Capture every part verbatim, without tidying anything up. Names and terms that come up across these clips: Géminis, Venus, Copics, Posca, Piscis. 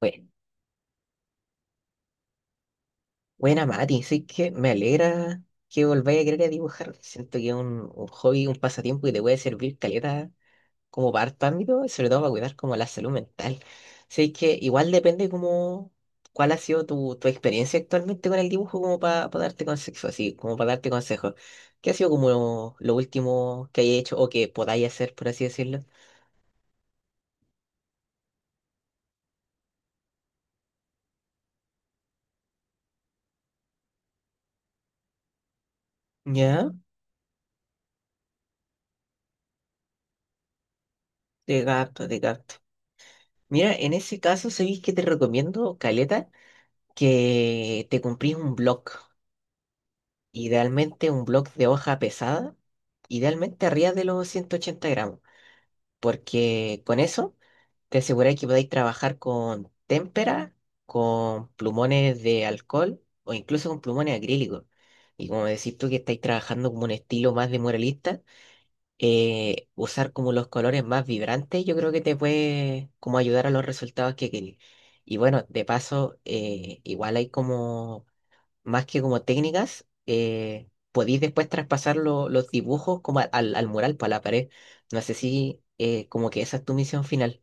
Bue- Buena, Mati, sí que me alegra que volváis a querer a dibujar. Siento que es un, un hobby, un pasatiempo que te puede servir caleta como para harto ámbito, y sobre todo para cuidar como la salud mental. Sí que igual depende como cuál ha sido tu, tu experiencia actualmente con el dibujo como para darte consejos, así como para darte consejos. ¿Qué ha sido como lo último que hayáis hecho o que podáis hacer, por así decirlo? Ya, de gato, de gato. Mira, en ese caso, ¿sabéis que te recomiendo, caleta? Que te cumplís un blog, idealmente un blog de hoja pesada, idealmente arriba de los ciento ochenta gramos, porque con eso te aseguráis que podéis trabajar con témpera, con plumones de alcohol o incluso con plumones acrílicos. Y como decís tú que estáis trabajando como un estilo más de muralista, eh, usar como los colores más vibrantes yo creo que te puede como ayudar a los resultados que querís. Y bueno, de paso, eh, igual hay como más que como técnicas, eh, podéis después traspasar lo- los dibujos como a- al, al mural, para la pared. No sé si eh, como que esa es tu misión final.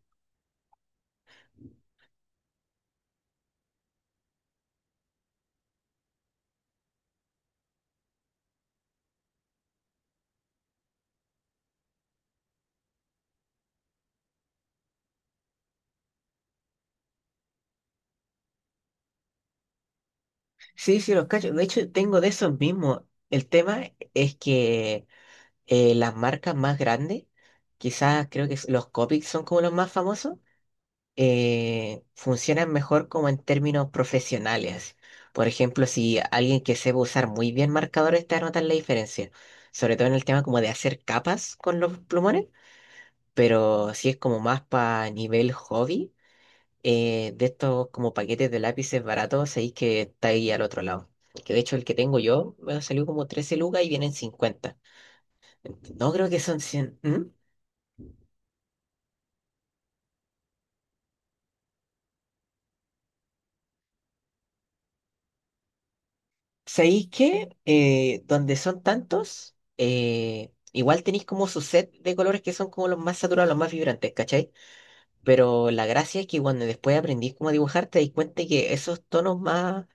Sí, sí, los cacho. De hecho, tengo de esos mismos. El tema es que eh, las marcas más grandes, quizás creo que los Copics son como los más famosos, eh, funcionan mejor como en términos profesionales. Por ejemplo, si alguien que sepa usar muy bien marcadores te va a notar la diferencia, sobre todo en el tema como de hacer capas con los plumones, pero si es como más para nivel hobby, eh, de estos como paquetes de lápices baratos, sabéis que está ahí al otro lado. Que de hecho el que tengo yo me salió como trece lucas y vienen cincuenta. No creo que son cien. ¿Mm? ¿Sabéis que eh, donde son tantos, eh, igual tenéis como su set de colores que son como los más saturados, los más vibrantes, ¿cachai? Pero la gracia es que cuando después aprendís cómo dibujar, te dais cuenta que esos tonos más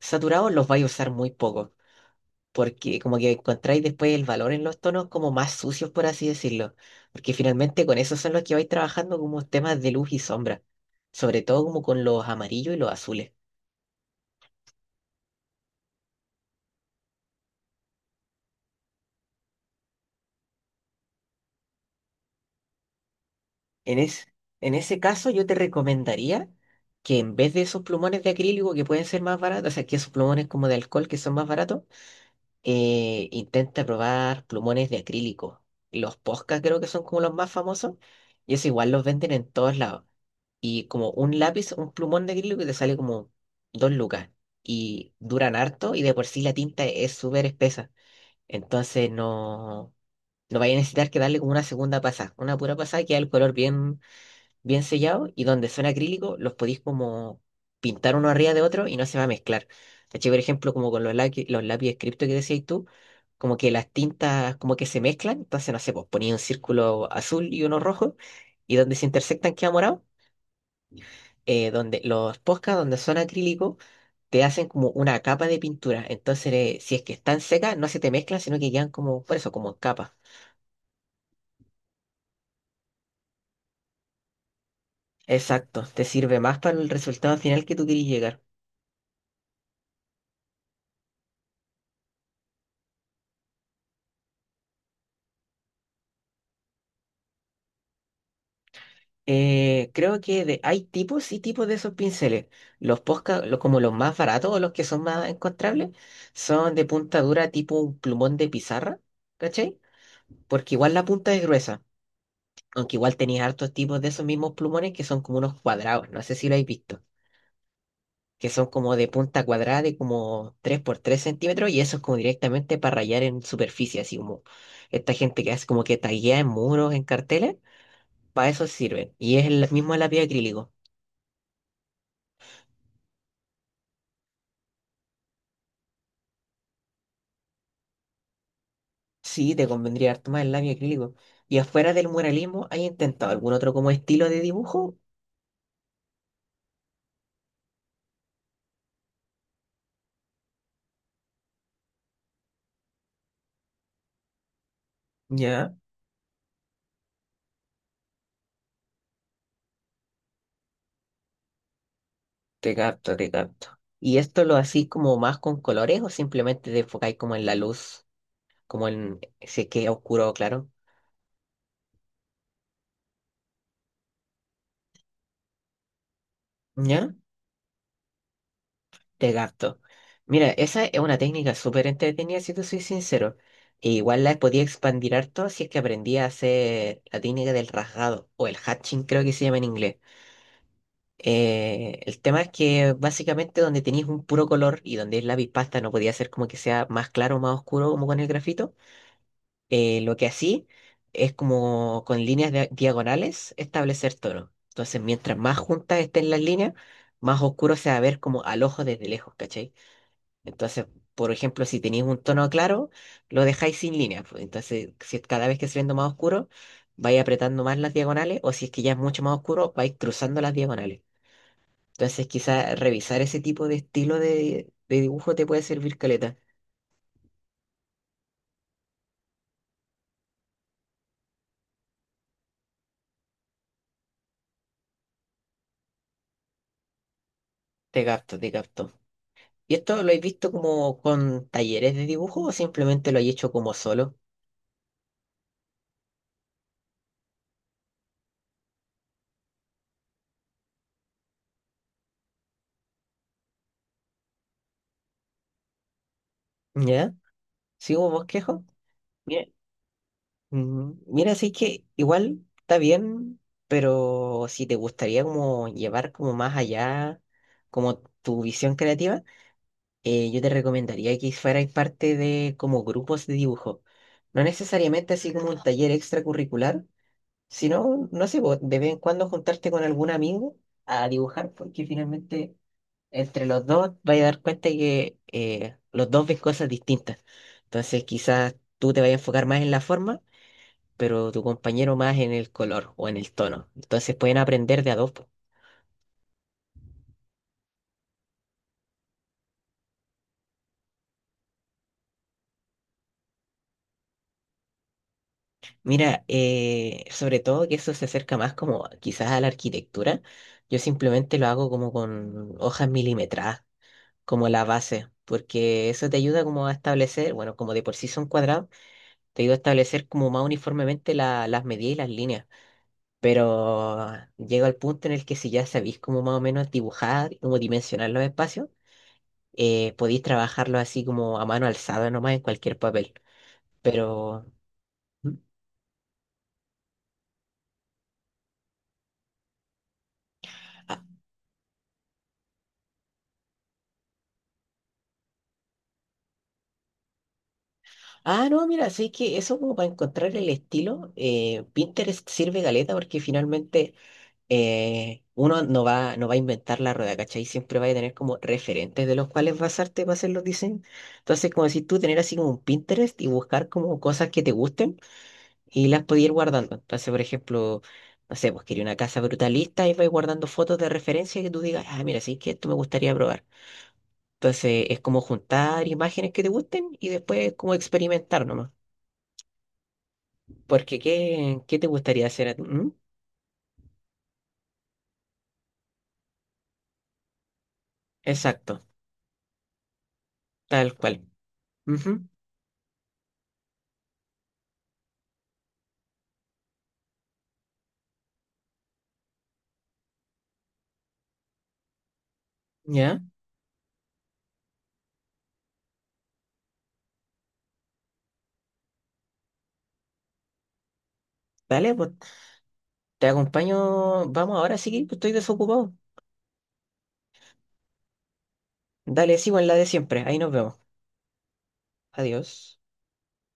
saturados los vais a usar muy poco, porque como que encontráis después el valor en los tonos como más sucios, por así decirlo, porque finalmente con esos son los que vais trabajando como temas de luz y sombra, sobre todo como con los amarillos y los azules. En es- en ese caso, yo te recomendaría que en vez de esos plumones de acrílico que pueden ser más baratos, o sea, que esos plumones como de alcohol que son más baratos, eh, intenta probar plumones de acrílico. Los Posca creo que son como los más famosos, y eso igual los venden en todos lados. Y como un lápiz, un plumón de acrílico que te sale como dos lucas. Y duran harto, y de por sí la tinta es súper espesa. Entonces no, no vaya a necesitar que darle como una segunda pasada, una pura pasada que da el color bien bien sellados y donde son acrílicos los podéis como pintar uno arriba de otro y no se va a mezclar. ¿Cachai? Por ejemplo, como con los, laqui- los lápices cripto que decías tú, como que las tintas como que se mezclan, entonces no sé, pues ponía un círculo azul y uno rojo y donde se intersectan queda morado. eh, donde los posca, donde son acrílicos, te hacen como una capa de pintura. Entonces, eh, si es que están secas, no se te mezclan, sino que quedan como, por eso, como en capa. Exacto, te sirve más para el resultado final que tú querías llegar. Eh, creo que de- hay tipos y tipos de esos pinceles. Los posca, lo- como los más baratos o los que son más encontrables, son de punta dura tipo un plumón de pizarra, ¿cachai? Porque igual la punta es gruesa, aunque igual tenías hartos tipos de esos mismos plumones que son como unos cuadrados, no sé si lo habéis visto, que son como de punta cuadrada de como tres por tres centímetros y eso es como directamente para rayar en superficie, así como esta gente que hace como que taguea en muros, en carteles, para eso sirven. Y es el mismo lápiz acrílico. Sí, te convendría harto más el labio acrílico. Y afuera del muralismo, ¿hay intentado algún otro como estilo de dibujo? Ya, te capto, te capto. ¿Y esto lo hacís como más con colores o simplemente te enfocáis como en la luz, como en si es que es oscuro o claro? Ya, te capto. Mira, esa es una técnica súper entretenida, si te soy sincero. E igual la podía expandir harto si es que aprendía a hacer la técnica del rasgado o el hatching, creo que se llama en inglés. Eh, el tema es que básicamente donde tenéis un puro color y donde es lápiz pasta no podía ser como que sea más claro o más oscuro como con el grafito. eh, lo que así es como con líneas dia- diagonales establecer tonos. Entonces, mientras más juntas estén las líneas, más oscuro se va a ver como al ojo desde lejos, ¿cachai? Entonces, por ejemplo, si tenéis un tono claro, lo dejáis sin líneas, pues. Entonces, si es- cada vez que se viendo más oscuro, vais apretando más las diagonales o si es que ya es mucho más oscuro, vais cruzando las diagonales. Entonces, quizás revisar ese tipo de estilo de, de dibujo te puede servir caleta. Te capto, te capto. ¿Y esto lo has visto como con talleres de dibujo o simplemente lo has hecho como solo? ¿Ya? ¿Sí hubo bosquejo? Mira, mm, mira, así que igual está bien, pero si te gustaría como llevar como más allá como tu visión creativa, eh, yo te recomendaría que fuerais parte de como grupos de dibujo. No necesariamente así como un taller extracurricular, si no, no sé, po, de vez en cuando juntarte con algún amigo a dibujar, porque finalmente entre los dos vais a dar cuenta que eh, los dos ven cosas distintas. Entonces quizás tú te vayas a enfocar más en la forma, pero tu compañero más en el color o en el tono. Entonces pueden aprender de a dos, po. Mira, eh, sobre todo que eso se acerca más como quizás a la arquitectura. Yo simplemente lo hago como con hojas milimetradas, como la base, porque eso te ayuda como a establecer, bueno, como de por sí son cuadrados te ayuda a establecer como más uniformemente la- las medidas y las líneas. Pero llega al punto en el que si ya sabéis como más o menos dibujar, como dimensionar los espacios, eh, podéis trabajarlos así como a mano alzada nomás en cualquier papel. Pero... ¿Mm? Ah, ah, no, mira, sí que eso como para encontrar el estilo, eh, Pinterest sirve galeta porque finalmente eh, uno no va, no va a inventar la rueda, ¿cachai? Siempre va a tener como referentes de los cuales basarte para hacer los diseños. Entonces, como si tú tener así como un Pinterest y buscar como cosas que te gusten y las podías ir guardando. Entonces, por ejemplo, no sé, pues quería una casa brutalista y vais guardando fotos de referencia que tú digas, ah, mira, sí que esto me gustaría probar. Entonces, es como juntar imágenes que te gusten y después como experimentar nomás. Porque, ¿qué, qué te gustaría hacer a ti? ¿Mm? Exacto, tal cual. Ujú. ¿Ya? Dale, pues te acompaño. Vamos, ahora sí que estoy desocupado. Dale, sigo en la de siempre. Ahí nos vemos. Adiós.